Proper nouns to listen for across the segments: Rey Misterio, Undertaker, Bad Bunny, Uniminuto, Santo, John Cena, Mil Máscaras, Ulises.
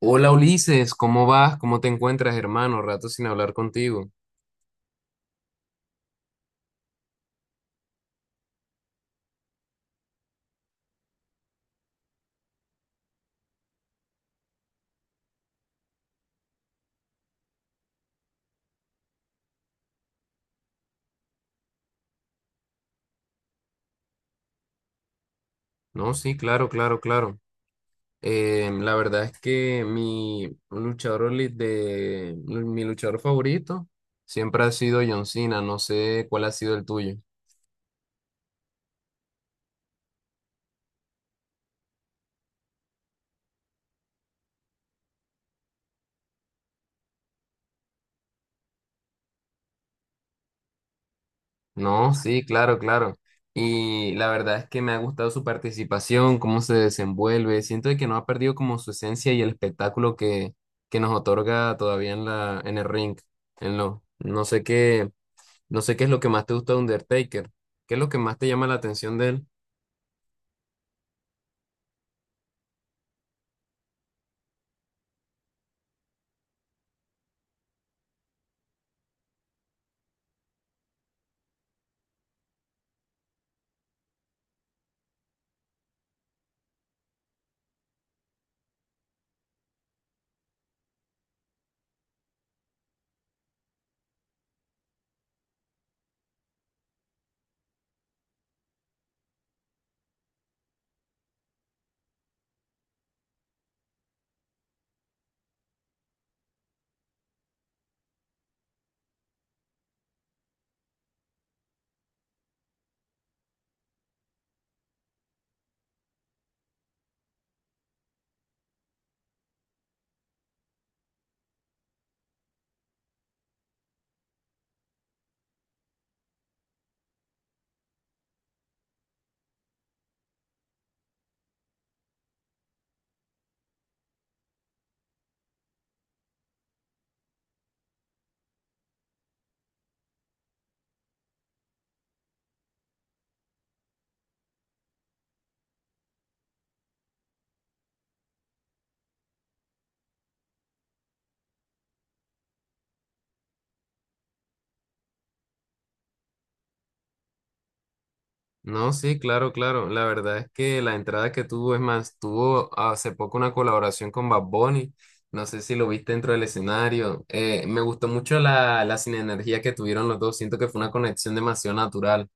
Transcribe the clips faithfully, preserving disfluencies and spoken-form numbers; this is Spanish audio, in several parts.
Hola Ulises, ¿cómo vas? ¿Cómo te encuentras, hermano? Rato sin hablar contigo. No, sí, claro, claro, claro. Eh, la verdad es que mi luchador oli- de mi luchador favorito siempre ha sido John Cena. No sé cuál ha sido el tuyo. No, sí, claro, claro. Y la verdad es que me ha gustado su participación, cómo se desenvuelve. Siento de que no ha perdido como su esencia y el espectáculo que, que nos otorga todavía en la, en el ring. En lo, no sé qué. No sé qué es lo que más te gusta de Undertaker. ¿Qué es lo que más te llama la atención de él? No, sí, claro, claro. La verdad es que la entrada que tuvo, es más, tuvo hace poco una colaboración con Bad Bunny. No sé si lo viste dentro del escenario. Eh, me gustó mucho la, la sinergia que tuvieron los dos. Siento que fue una conexión demasiado natural.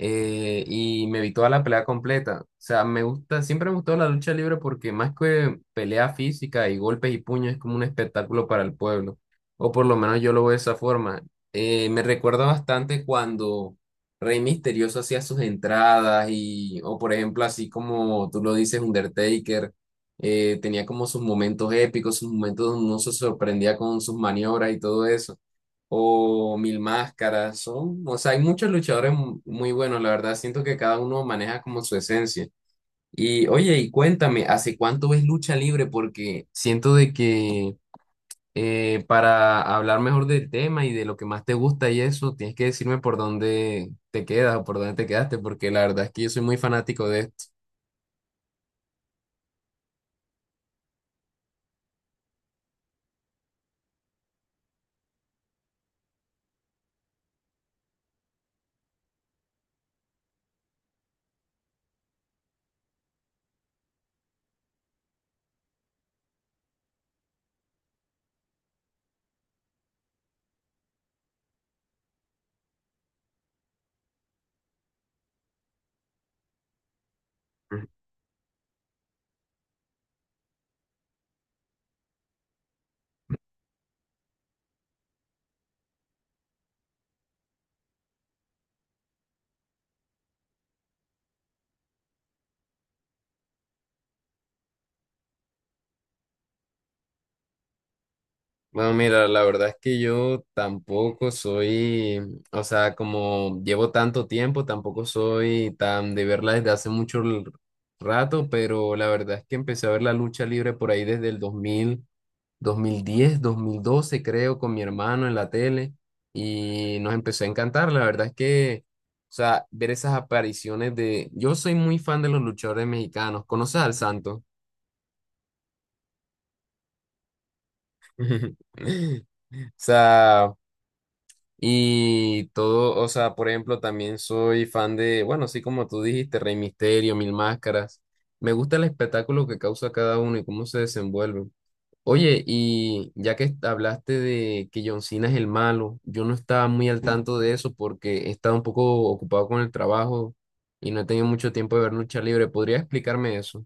eh, y me vi toda la pelea completa. O sea, me gusta, siempre me gustó la lucha libre porque más que pelea física y golpes y puños es como un espectáculo para el pueblo, o por lo menos yo lo veo de esa forma. Eh, me recuerda bastante cuando Rey Misterioso hacía sus entradas y, o por ejemplo, así como tú lo dices, Undertaker. eh, tenía como sus momentos épicos, sus momentos donde uno se sorprendía con sus maniobras y todo eso o Mil Máscaras, son, o sea, hay muchos luchadores mu- muy buenos, la verdad, siento que cada uno maneja como su esencia. Y oye, y cuéntame, ¿hace cuánto ves lucha libre? Porque siento de que eh, para hablar mejor del tema y de lo que más te gusta y eso, tienes que decirme por dónde te quedas o por dónde te quedaste, porque la verdad es que yo soy muy fanático de esto. Bueno, mira, la verdad es que yo tampoco soy, o sea, como llevo tanto tiempo, tampoco soy tan de verla desde hace mucho l- rato, pero la verdad es que empecé a ver la lucha libre por ahí desde el dos dos mil dos mil diez dos mil doce creo, con mi hermano en la tele y nos empezó a encantar. La verdad es que, o sea, ver esas apariciones de... Yo soy muy fan de los luchadores mexicanos. ¿Conoces al Santo? O sea... Y todo, o sea, por ejemplo, también soy fan de, bueno, así como tú dijiste, Rey Misterio, Mil Máscaras. Me gusta el espectáculo que causa cada uno y cómo se desenvuelven. Oye, y ya que hablaste de que John Cena es el malo, yo no estaba muy al tanto de eso porque he estado un poco ocupado con el trabajo y no he tenido mucho tiempo de ver lucha libre. ¿Podría explicarme eso?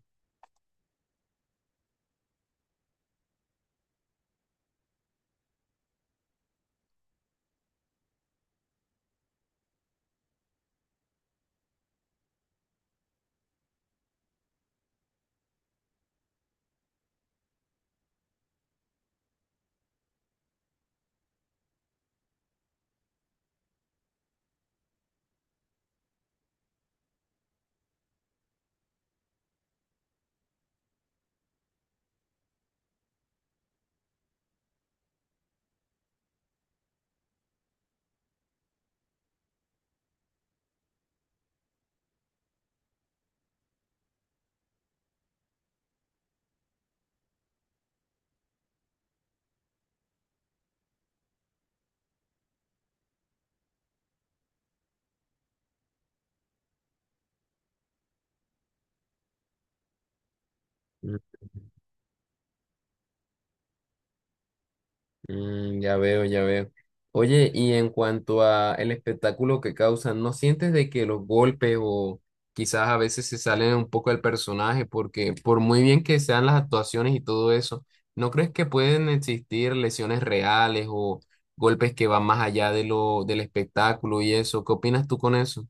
Mm, ya veo, ya veo. Oye, y en cuanto a el espectáculo que causan, ¿no sientes de que los golpes o quizás a veces se salen un poco del personaje? Porque por muy bien que sean las actuaciones y todo eso, ¿no crees que pueden existir lesiones reales o golpes que van más allá de lo del espectáculo y eso? ¿Qué opinas tú con eso?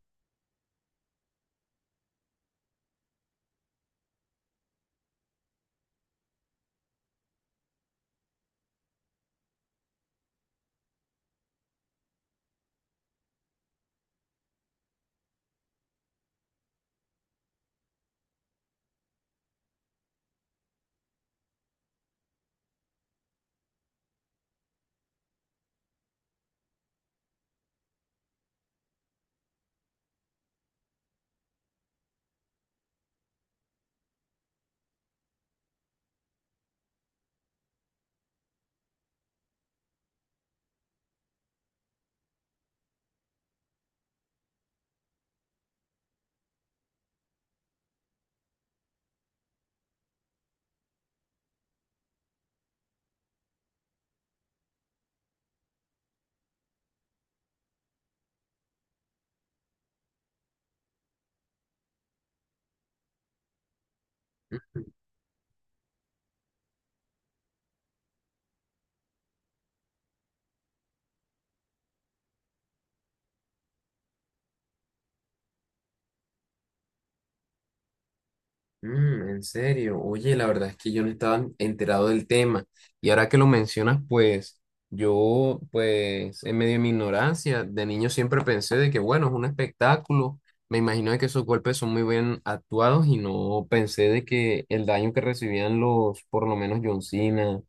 Mm, en serio, oye, la verdad es que yo no estaba enterado del tema y ahora que lo mencionas, pues yo, pues en medio de mi ignorancia, de niño siempre pensé de que bueno, es un espectáculo, me imagino de que esos golpes son muy bien actuados y no pensé de que el daño que recibían los, por lo menos John Cena,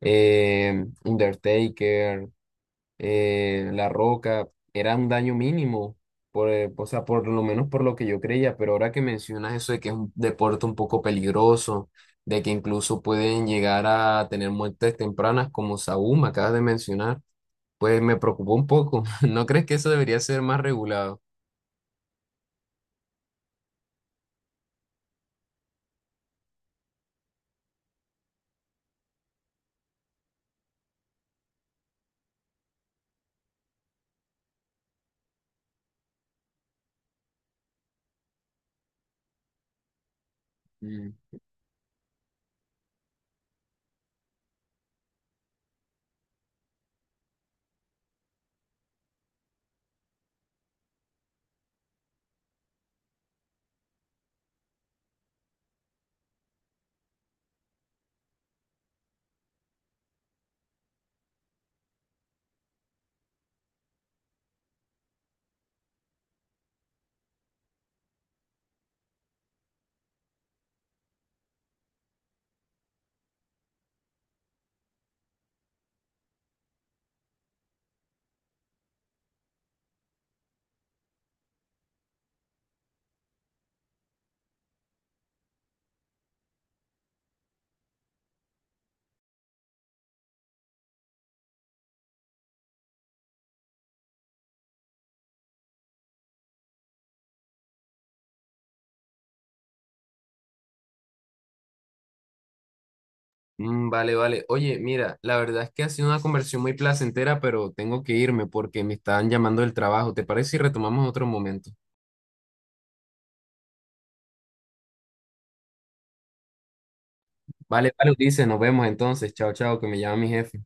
eh, Undertaker, eh, la Roca, era un daño mínimo, por, eh, o sea, por lo menos por lo que yo creía, pero ahora que mencionas eso de que es un deporte un poco peligroso, de que incluso pueden llegar a tener muertes tempranas como Saúl me acabas de mencionar, pues me preocupó un poco. ¿No crees que eso debería ser más regulado? Mm. Mm, vale, vale. Oye, mira, la verdad es que ha sido una conversión muy placentera, pero tengo que irme porque me están llamando del trabajo. ¿Te parece si retomamos en otro momento? Vale, vale, Ulises, nos vemos entonces. Chao, chao, que me llama mi jefe.